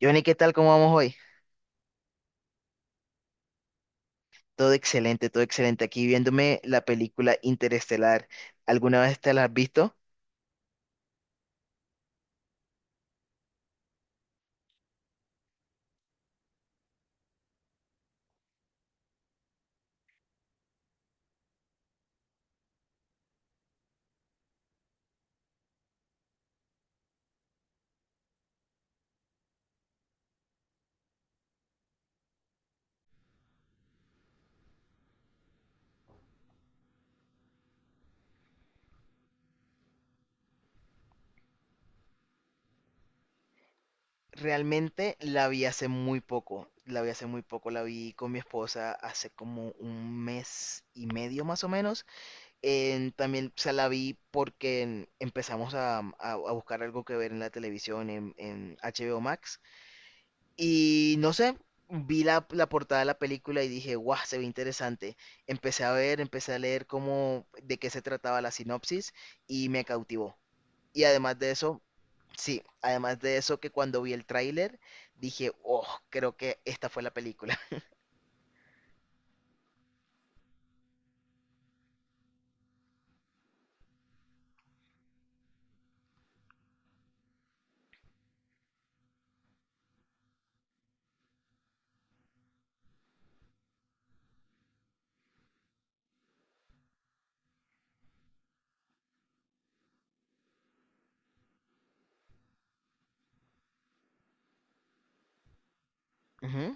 Johnny, ¿qué tal? ¿Cómo vamos hoy? Todo excelente, todo excelente. Aquí viéndome la película Interestelar. ¿Alguna vez te la has visto? Realmente la vi hace muy poco. La vi hace muy poco. La vi con mi esposa hace como un mes y medio más o menos. También se la vi porque empezamos a buscar algo que ver en la televisión, en HBO Max. Y no sé, vi la portada de la película y dije, guau, se ve interesante. Empecé a ver, empecé a leer cómo, de qué se trataba la sinopsis y me cautivó. Y además de eso, sí, además de eso que cuando vi el tráiler dije, oh, creo que esta fue la película. Ujú.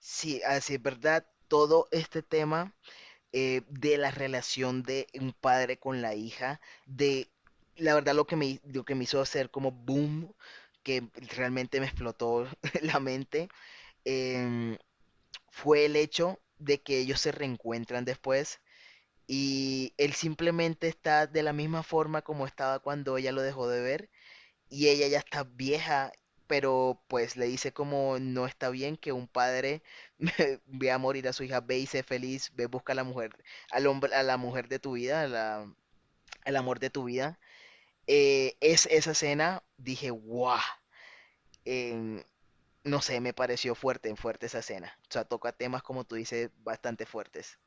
Sí, así es verdad, todo este tema de la relación de un padre con la hija, de la verdad lo que me hizo hacer como boom, que realmente me explotó la mente, eh, fue el hecho de que ellos se reencuentran después y él simplemente está de la misma forma como estaba cuando ella lo dejó de ver y ella ya está vieja, pero pues le dice como no está bien que un padre vea morir a su hija, ve y sé feliz, ve busca a la mujer, al hombre, a la mujer de tu vida, al amor de tu vida. Es esa escena, dije, guau, em, no sé, me pareció fuerte, fuerte esa escena. O sea, toca temas como tú dices, bastante fuertes.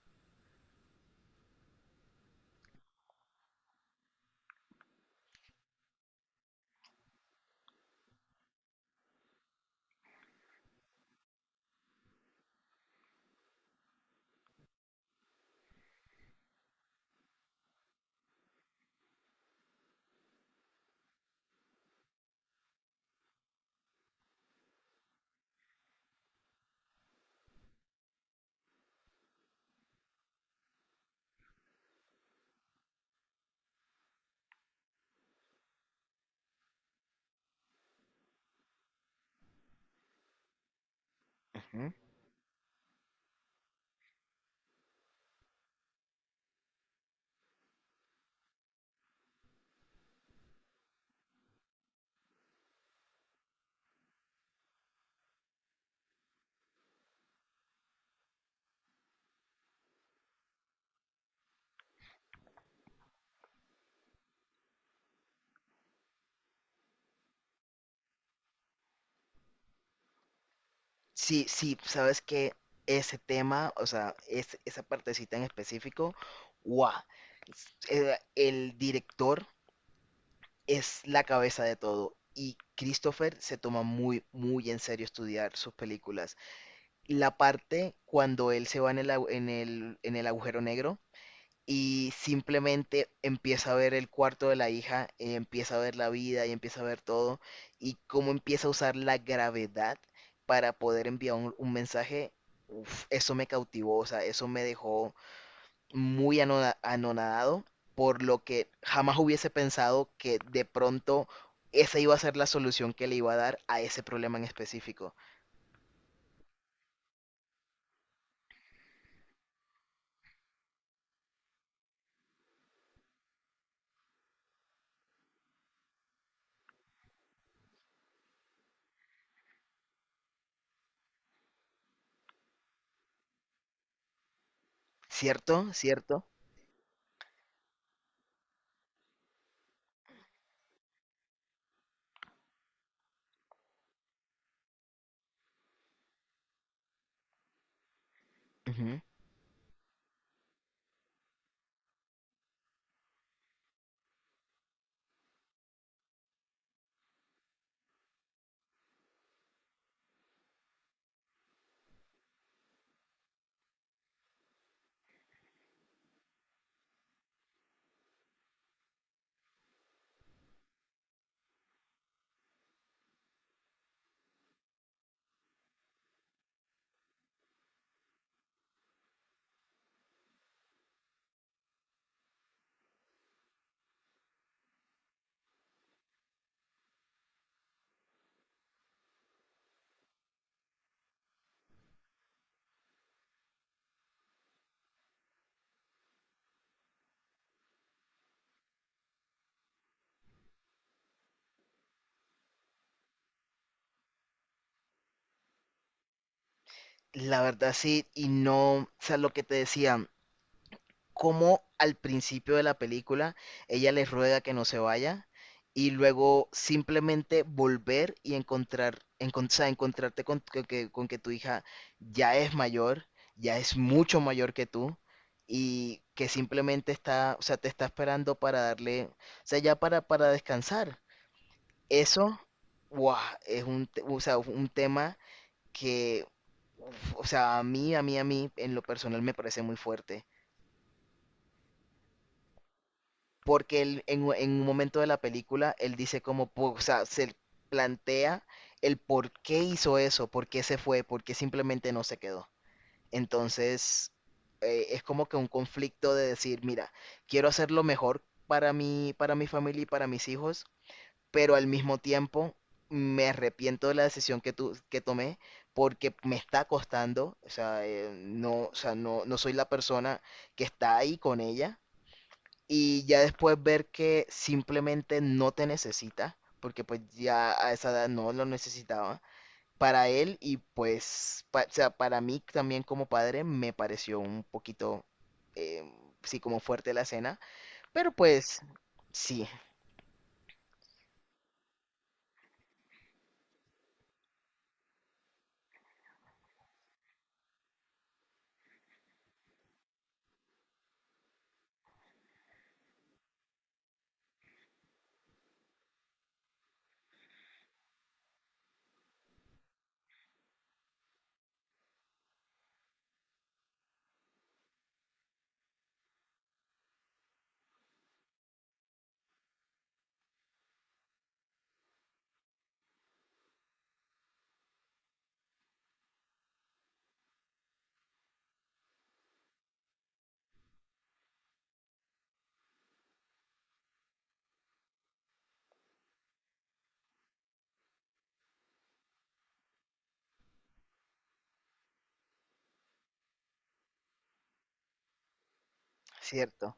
Ujú. Sí, sí, sabes que ese tema, o sea, es, esa partecita en específico, guau. El director es la cabeza de todo. Y Christopher se toma muy, muy en serio estudiar sus películas. La parte cuando él se va en el, agu- en el agujero negro y simplemente empieza a ver el cuarto de la hija, y empieza a ver la vida y empieza a ver todo y cómo empieza a usar la gravedad para poder enviar un mensaje, uf, eso me cautivó, o sea, eso me dejó muy anonadado, por lo que jamás hubiese pensado que de pronto esa iba a ser la solución que le iba a dar a ese problema en específico. ¿Cierto? ¿Cierto? Ujú. La verdad sí, y no, o sea, lo que te decía, cómo al principio de la película ella les ruega que no se vaya y luego simplemente volver y encontrar, o sea, encontrarte con, con que tu hija ya es mayor, ya es mucho mayor que tú y que simplemente está, o sea, te está esperando para darle, o sea, ya para descansar. Eso, wow, es un, o sea, un tema que, uf, o sea, a mí, en lo personal me parece muy fuerte. Porque él, en un momento de la película, él dice como, o sea, se plantea el por qué hizo eso, por qué se fue, por qué simplemente no se quedó. Entonces, es como que un conflicto de decir, mira, quiero hacer lo mejor para mí, para mi familia y para mis hijos, pero al mismo tiempo me arrepiento de la decisión que, que tomé porque me está costando, o sea, no, o sea, no, no soy la persona que está ahí con ella y ya después ver que simplemente no te necesita, porque pues ya a esa edad no lo necesitaba para él y pues o sea, para mí también como padre me pareció un poquito, eh, sí, como fuerte la escena, pero pues sí, cierto.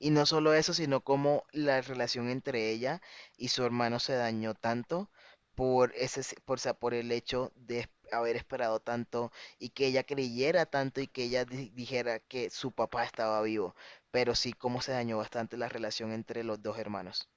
Y no solo eso, sino como la relación entre ella y su hermano se dañó tanto por ese, s- por, sa- por el hecho de haber esperado tanto y que ella creyera tanto y que ella dijera que su papá estaba vivo. Pero sí, cómo se dañó bastante la relación entre los dos hermanos.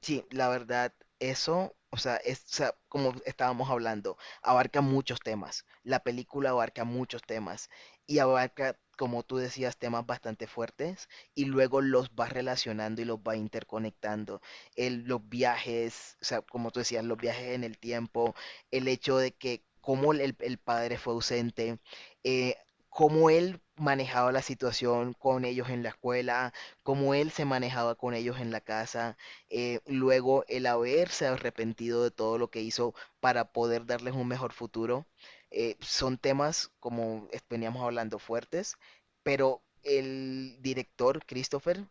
Sí, la verdad, eso, o sea, es, o sea, como estábamos hablando, abarca muchos temas. La película abarca muchos temas y abarca, como tú decías, temas bastante fuertes y luego los va relacionando y los va interconectando. El, los viajes, o sea, como tú decías, los viajes en el tiempo, el hecho de que cómo el padre fue ausente, eh, cómo él manejaba la situación con ellos en la escuela, cómo él se manejaba con ellos en la casa. Luego el haberse arrepentido de todo lo que hizo para poder darles un mejor futuro, son temas, como veníamos hablando, fuertes, pero el director, Christopher,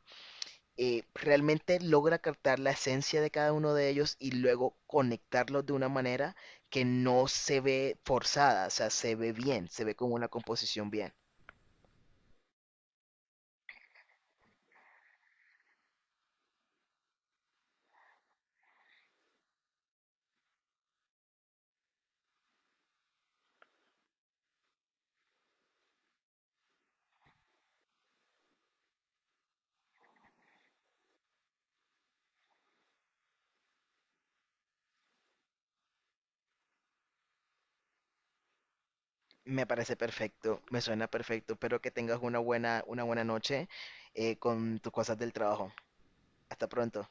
realmente logra captar la esencia de cada uno de ellos y luego conectarlos de una manera que no se ve forzada, o sea, se ve bien, se ve como una composición bien. Me parece perfecto, me suena perfecto. Espero que tengas una buena noche con tus cosas del trabajo. Hasta pronto.